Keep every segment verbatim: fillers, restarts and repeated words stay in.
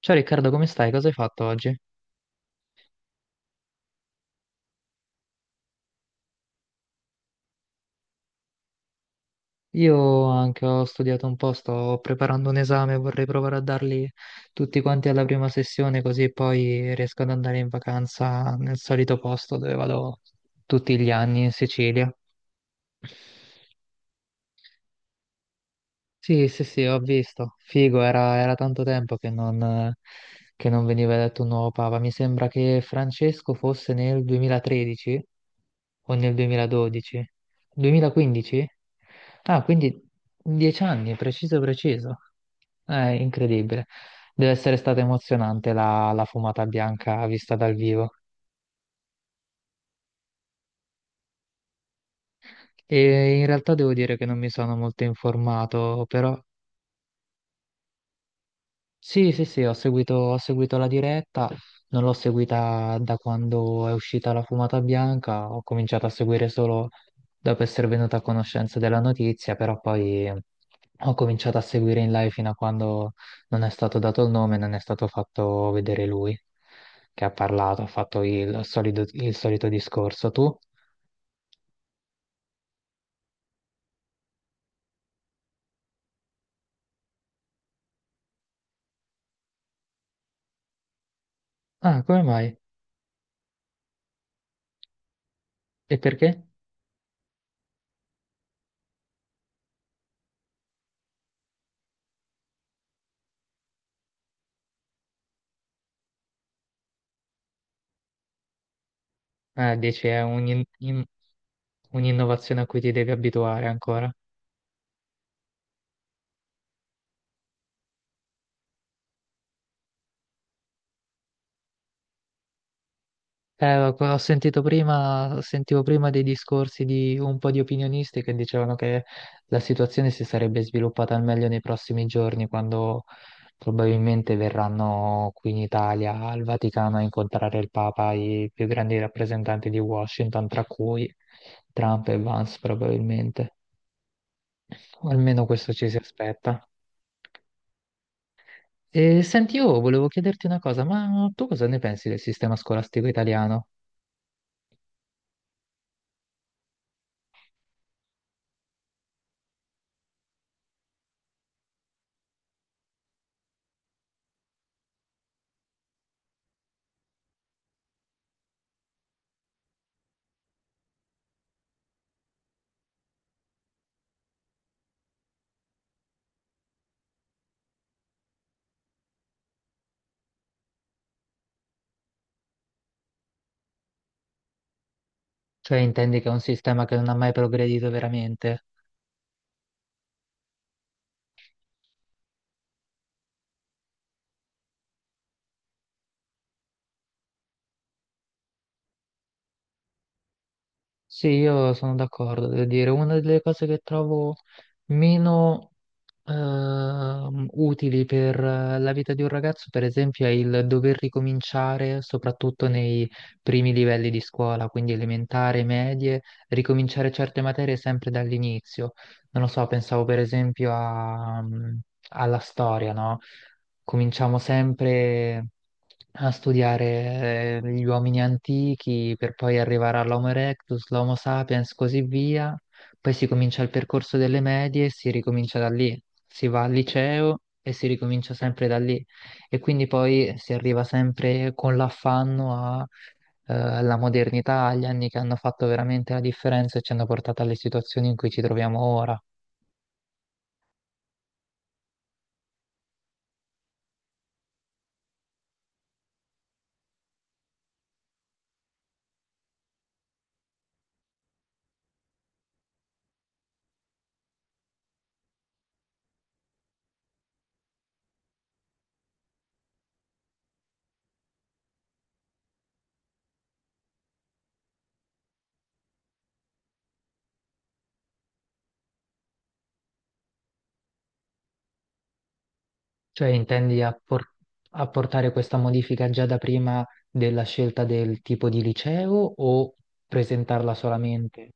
Ciao Riccardo, come stai? Cosa hai fatto oggi? Io anche ho studiato un po', sto preparando un esame, vorrei provare a darli tutti quanti alla prima sessione, così poi riesco ad andare in vacanza nel solito posto dove vado tutti gli anni in Sicilia. Sì, sì, sì, ho visto. Figo, era, era tanto tempo che non, che non veniva eletto un nuovo papa. Mi sembra che Francesco fosse nel duemilatredici o nel duemiladodici. duemilaquindici? Ah, quindi dieci anni, preciso, preciso. È incredibile. Deve essere stata emozionante la, la fumata bianca vista dal vivo. E in realtà devo dire che non mi sono molto informato, però. Sì, sì, sì, ho seguito, ho seguito la diretta, non l'ho seguita da quando è uscita la fumata bianca, ho cominciato a seguire solo dopo essere venuta a conoscenza della notizia, però poi ho cominciato a seguire in live fino a quando non è stato dato il nome, non è stato fatto vedere lui che ha parlato, ha fatto il solido- il solito discorso. Tu? Ah, come mai? E perché? Ah, dici è un in- in- un'innovazione a cui ti devi abituare ancora. Eh, ho sentito prima, sentivo prima dei discorsi di un po' di opinionisti che dicevano che la situazione si sarebbe sviluppata al meglio nei prossimi giorni, quando probabilmente verranno qui in Italia, al Vaticano, a incontrare il Papa, i più grandi rappresentanti di Washington, tra cui Trump e Vance probabilmente. O almeno questo ci si aspetta. E senti, io volevo chiederti una cosa, ma tu cosa ne pensi del sistema scolastico italiano? Cioè, intendi che è un sistema che non ha mai progredito veramente? Sì, io sono d'accordo, devo dire, una delle cose che trovo meno ehm, utili per eh, la vita di un ragazzo, per esempio, è il dover ricominciare, soprattutto nei primi livelli di scuola, quindi elementare, medie, ricominciare certe materie sempre dall'inizio. Non lo so, pensavo per esempio a, mm, alla storia, no? Cominciamo sempre a studiare eh, gli uomini antichi per poi arrivare all'Homo erectus, l'Homo sapiens, così via. Poi si comincia il percorso delle medie e si ricomincia da lì. Si va al liceo e si ricomincia sempre da lì. E quindi poi si arriva sempre con l'affanno a, eh, alla modernità, agli anni che hanno fatto veramente la differenza e ci hanno portato alle situazioni in cui ci troviamo ora. Cioè, intendi appor- apportare questa modifica già da prima della scelta del tipo di liceo o presentarla solamente?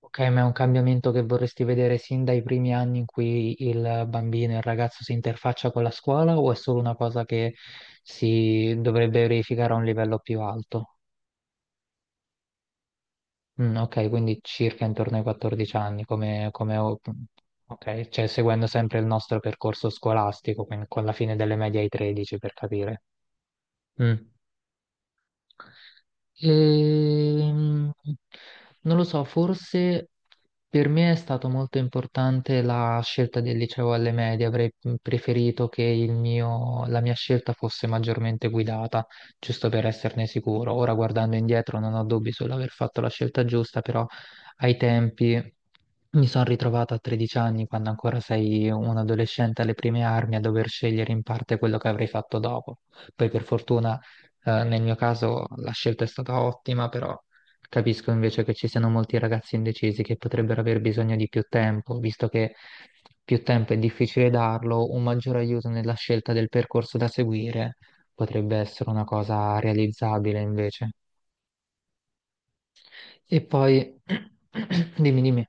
Ok, ma è un cambiamento che vorresti vedere sin dai primi anni in cui il bambino e il ragazzo si interfaccia con la scuola o è solo una cosa che si dovrebbe verificare a un livello più alto? Mm, ok, quindi circa intorno ai quattordici anni, come, come ho- ok, cioè seguendo sempre il nostro percorso scolastico, quindi con la fine delle medie ai tredici per capire. Mm. Ehm, Non lo so, forse per me è stato molto importante la scelta del liceo alle medie, avrei mm, preferito che il mio- la mia scelta fosse maggiormente guidata, giusto per esserne sicuro. Ora guardando indietro non ho dubbi sull'aver fatto la scelta giusta, però ai tempi mi sono ritrovata a tredici anni, quando ancora sei un adolescente alle prime armi, a dover scegliere in parte quello che avrei fatto dopo. Poi per fortuna eh, nel mio caso la scelta è stata ottima, però capisco invece che ci siano molti ragazzi indecisi che potrebbero aver bisogno di più tempo, visto che più tempo è difficile darlo, un maggior aiuto nella scelta del percorso da seguire potrebbe essere una cosa realizzabile invece. E poi, dimmi, dimmi,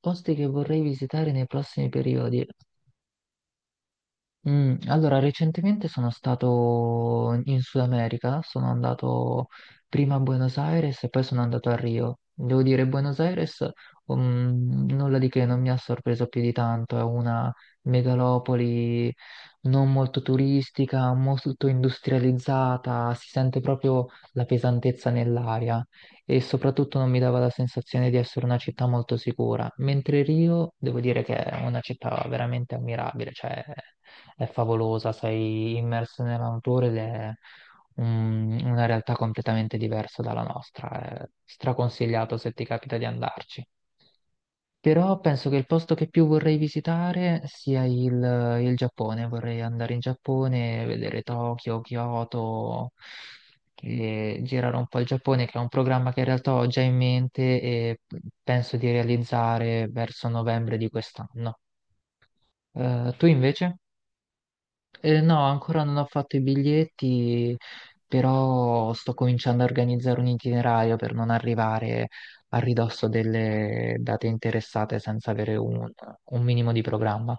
posti che vorrei visitare nei prossimi periodi. Mm, allora, recentemente sono stato in Sud America, sono andato prima a Buenos Aires e poi sono andato a Rio. Devo dire, Buenos Aires, mm, nulla di che, non mi ha sorpreso più di tanto, è una megalopoli non molto turistica, molto industrializzata, si sente proprio la pesantezza nell'aria e soprattutto non mi dava la sensazione di essere una città molto sicura, mentre Rio devo dire che è una città veramente ammirabile, cioè è favolosa, sei immerso nella natura ed è un- una realtà completamente diversa dalla nostra, è straconsigliato se ti capita di andarci. Però penso che il posto che più vorrei visitare sia il, il Giappone. Vorrei andare in Giappone, vedere Tokyo, Kyoto, e girare un po' il Giappone, che è un programma che in realtà ho già in mente e penso di realizzare verso novembre di quest'anno. Eh, tu invece? Eh, no, ancora non ho fatto i biglietti, però sto cominciando a organizzare un itinerario per non arrivare a ridosso delle date interessate senza avere un, un minimo di programma.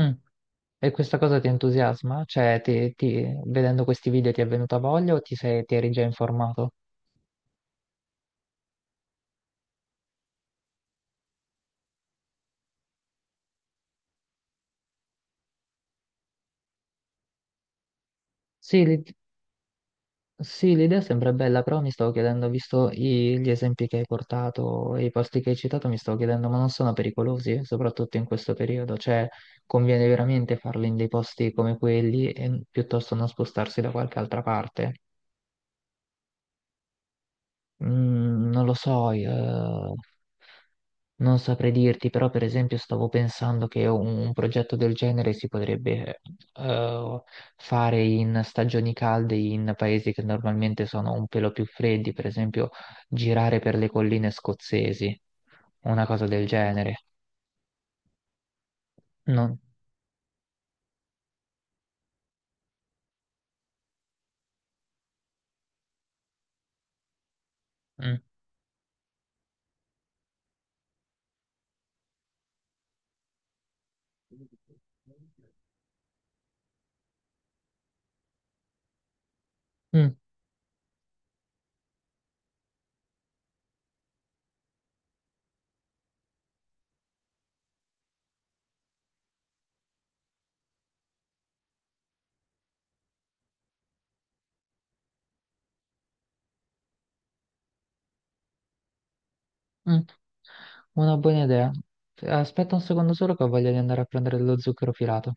Mm. E questa cosa ti entusiasma? Cioè, ti, ti- vedendo questi video ti è venuta voglia o ti sei, ti eri già informato? Sì, li- Sì, l'idea sembra bella, però mi stavo chiedendo, visto i- gli esempi che hai portato e i posti che hai citato, mi stavo chiedendo, ma non sono pericolosi, soprattutto in questo periodo? Cioè, conviene veramente farli in dei posti come quelli e piuttosto non spostarsi da qualche altra parte? Mm, non lo so, io- eh. Non saprei dirti, però per esempio stavo pensando che un, un progetto del genere si potrebbe eh, fare in stagioni calde, in paesi che normalmente sono un pelo più freddi, per esempio girare per le colline scozzesi, una cosa del genere. Non. Mm, mm, mm. Una buona idea. Aspetta un secondo solo che ho voglia di andare a prendere dello zucchero filato.